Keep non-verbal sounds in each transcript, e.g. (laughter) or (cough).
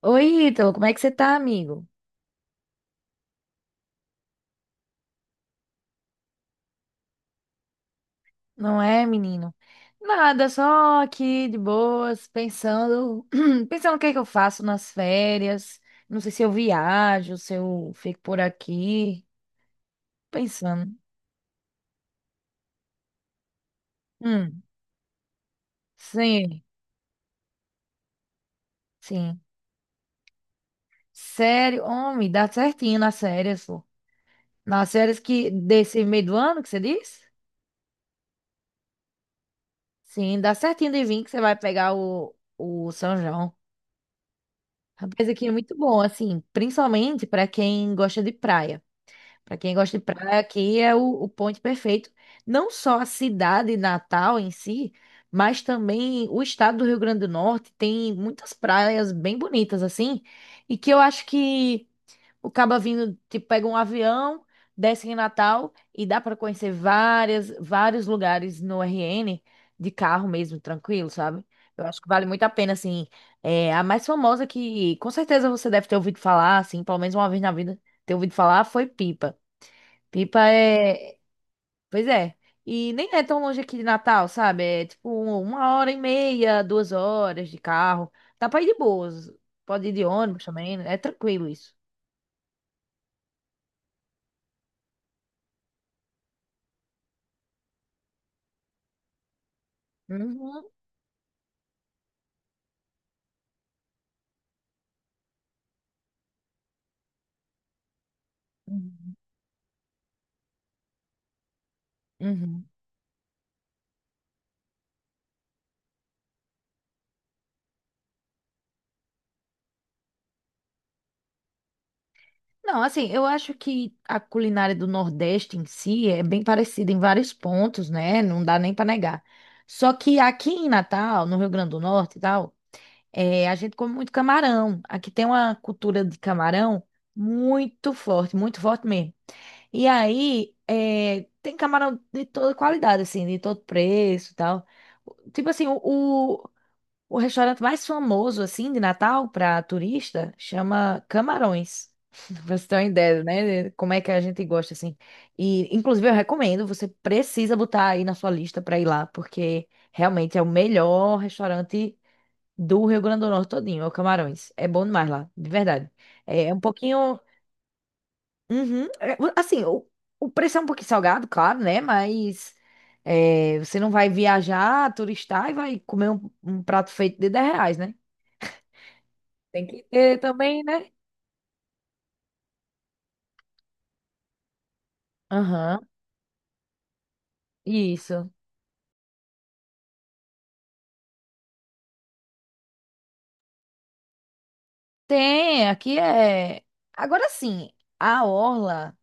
Oi, Ítalo, como é que você tá, amigo? Não é, menino? Nada, só aqui de boas, pensando, (clears throat) pensando o que é que eu faço nas férias. Não sei se eu viajo, se eu fico por aqui, pensando. Hum, sim, sim. Sério, homem, dá certinho nas férias, pô. Nas férias que desse meio do ano que você diz? Sim, dá certinho de vir que você vai pegar o São João. Rapaz, aqui é muito bom, assim, principalmente para quem gosta de praia. Para quem gosta de praia, aqui é o ponto perfeito. Não só a cidade Natal em si, mas também o estado do Rio Grande do Norte tem muitas praias bem bonitas assim, e que eu acho que o caba vindo, tipo, pega um avião, desce em Natal e dá para conhecer vários lugares no RN de carro mesmo, tranquilo, sabe? Eu acho que vale muito a pena, assim. É, a mais famosa que com certeza você deve ter ouvido falar, assim, pelo menos uma vez na vida, ter ouvido falar, foi Pipa. Pipa é. Pois é. E nem é tão longe aqui de Natal, sabe? É tipo uma hora e meia, 2 horas de carro. Dá pra ir de boas. Pode ir de ônibus também, né? É tranquilo isso. Uhum. Uhum. Uhum. Não, assim, eu acho que a culinária do Nordeste em si é bem parecida em vários pontos, né? Não dá nem pra negar. Só que aqui em Natal, no Rio Grande do Norte e tal, é, a gente come muito camarão. Aqui tem uma cultura de camarão muito forte mesmo. E aí, é, tem camarão de toda qualidade, assim, de todo preço e tal. Tipo assim, o, o restaurante mais famoso, assim, de Natal para turista, chama Camarões. (laughs) Pra você ter uma ideia, né? de como é que a gente gosta, assim. E, inclusive, eu recomendo, você precisa botar aí na sua lista para ir lá, porque realmente é o melhor restaurante do Rio Grande do Norte todinho, é o Camarões. É bom demais lá, de verdade. É um pouquinho. Uhum. É, assim, o preço é um pouquinho salgado, claro, né? Mas é, você não vai viajar, turistar e vai comer um prato feito de R$ 10, né? Tem que ter também, né? Aham, isso. Tem, aqui é. Agora sim, a orla,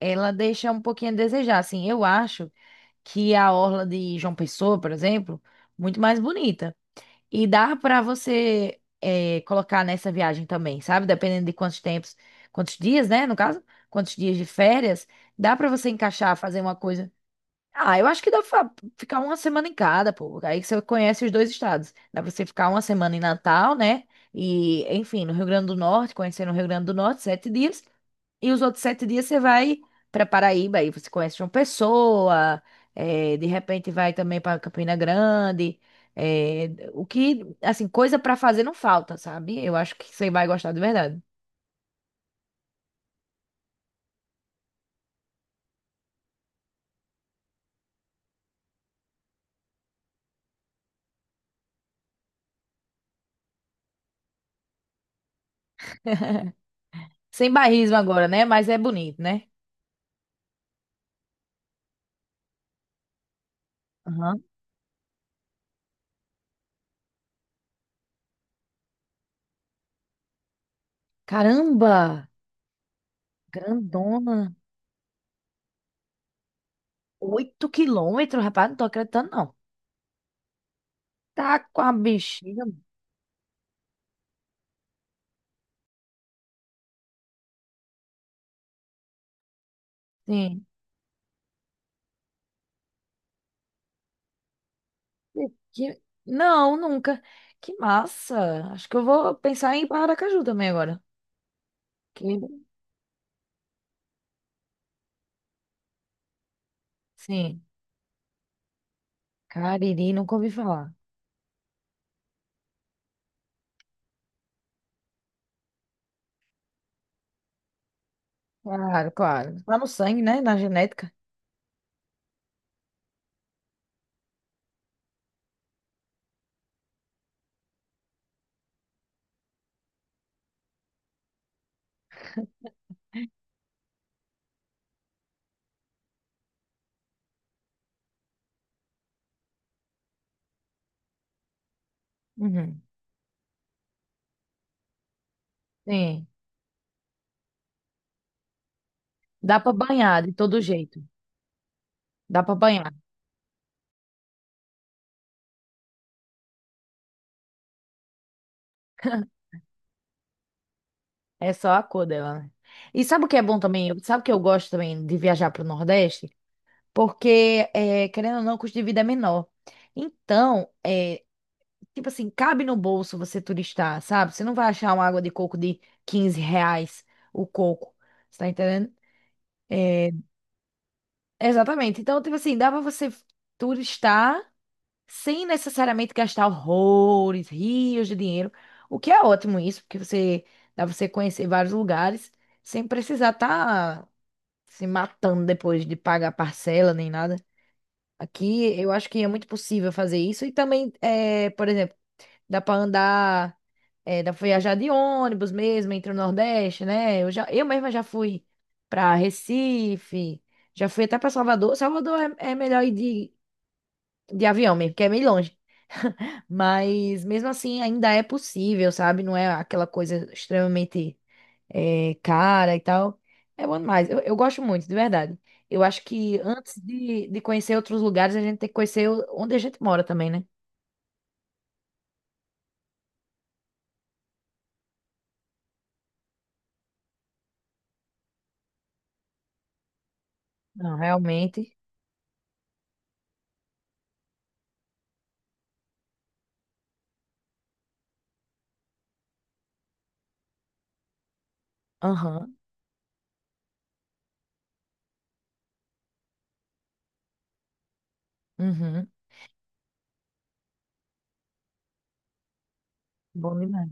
ela deixa um pouquinho a desejar. Assim, eu acho que a orla de João Pessoa, por exemplo, muito mais bonita. E dá pra você colocar nessa viagem também, sabe? Dependendo de quantos tempos, quantos dias, né? No caso, quantos dias de férias, dá pra você encaixar, fazer uma coisa. Ah, eu acho que dá pra ficar uma semana em cada, pô. Aí você conhece os dois estados. Dá pra você ficar uma semana em Natal, né? E, enfim, no Rio Grande do Norte, conhecer no Rio Grande do Norte, 7 dias. E os outros 7 dias você vai para Paraíba, aí você conhece João Pessoa, de repente vai também para Campina Grande. O que, assim, coisa para fazer não falta, sabe? Eu acho que você vai gostar de verdade. Sem bairrismo agora, né? Mas é bonito, né? Aham. Caramba! Grandona! 8 quilômetros, rapaz, não tô acreditando, não. Tá com a bexiga. Sim. Não, nunca. Que massa! Acho que eu vou pensar em Aracaju também agora. Sim. Cariri, nunca ouvi falar. Claro, claro. Lá no sangue, né? Na genética. Uhum. Sim. Dá pra banhar de todo jeito. Dá pra banhar. É só a cor dela, né? E sabe o que é bom também? Sabe o que eu gosto também de viajar pro Nordeste? Porque, é, querendo ou não, o custo de vida é menor. Então, é, tipo assim, cabe no bolso você turistar, sabe? Você não vai achar uma água de coco de R$ 15 o coco. Você tá entendendo? É, exatamente. Então, tipo assim, dá pra você turistar sem necessariamente gastar horrores, rios de dinheiro, o que é ótimo isso, porque você dá pra você conhecer vários lugares sem precisar estar se matando depois de pagar parcela nem nada. Aqui eu acho que é muito possível fazer isso e também, é, por exemplo, dá pra andar, é, dá pra viajar de ônibus mesmo entre o Nordeste, né? Eu já, eu mesma já fui pra Recife, já fui até pra Salvador. Salvador é melhor ir de avião mesmo, porque é meio longe. Mas mesmo assim ainda é possível, sabe? Não é aquela coisa extremamente cara e tal. É bom demais. Eu gosto muito, de verdade. Eu acho que antes de conhecer outros lugares, a gente tem que conhecer onde a gente mora também, né? Não, realmente. Aham. Uhum. Bom demais.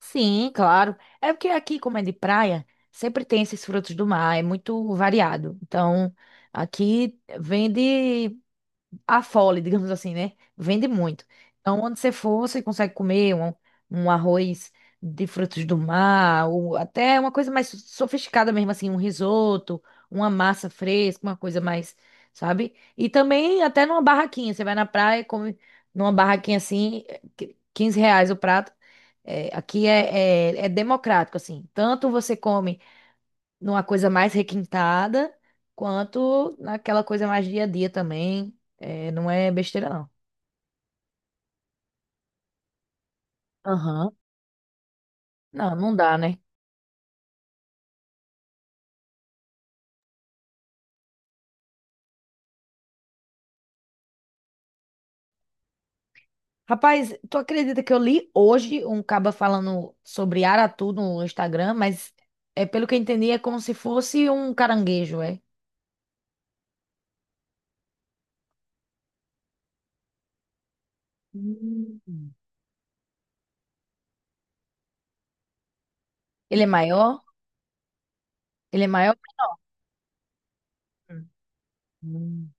Sim, claro. É porque aqui, como é de praia, sempre tem esses frutos do mar, é muito variado. Então, aqui vende a fole, digamos assim, né? Vende muito. Então, onde você for, você consegue comer um arroz de frutos do mar, ou até uma coisa mais sofisticada mesmo, assim, um risoto, uma massa fresca, uma coisa mais, sabe? E também até numa barraquinha. Você vai na praia, e come numa barraquinha assim, reais o prato. É, aqui é democrático, assim. Tanto você come numa coisa mais requintada, quanto naquela coisa mais dia a dia também. É, não é besteira, não. Aham. Não, não dá, né? Rapaz, tu acredita que eu li hoje um caba falando sobre aratu no Instagram, mas é pelo que eu entendi, é como se fosse um caranguejo, é? Hum. Ele é maior? Ele é maior? Hum. Hum.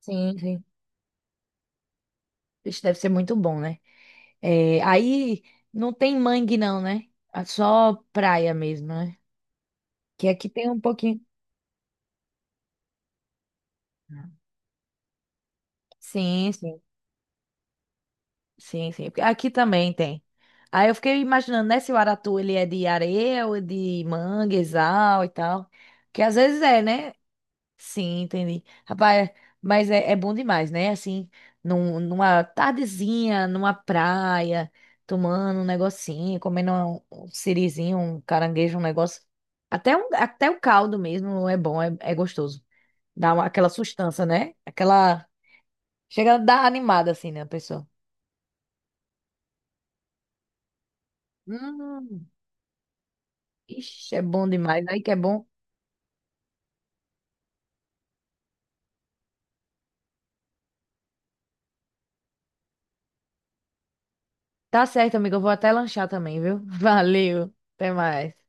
Sim, sim. Isso deve ser muito bom, né? É, aí não tem mangue, não, né? É só praia mesmo, né? Que aqui tem um pouquinho. Sim, sim, sim, sim. Porque aqui também tem. Aí eu fiquei imaginando, né, se o aratu ele é de areia ou é de manguezal e tal. Que às vezes é, né? Sim, entendi. Rapaz, mas é bom demais, né? Assim, numa tardezinha, numa praia, tomando um negocinho, comendo um sirizinho, um caranguejo, um negócio. Até o caldo mesmo é bom, é gostoso. Dá aquela sustância, né? Aquela. Chega a dar animada, assim, né, a pessoa. Hum, ixi, é bom demais. Aí que é bom. Tá certo, amiga. Eu vou até lanchar também, viu? (laughs) Valeu. Até mais.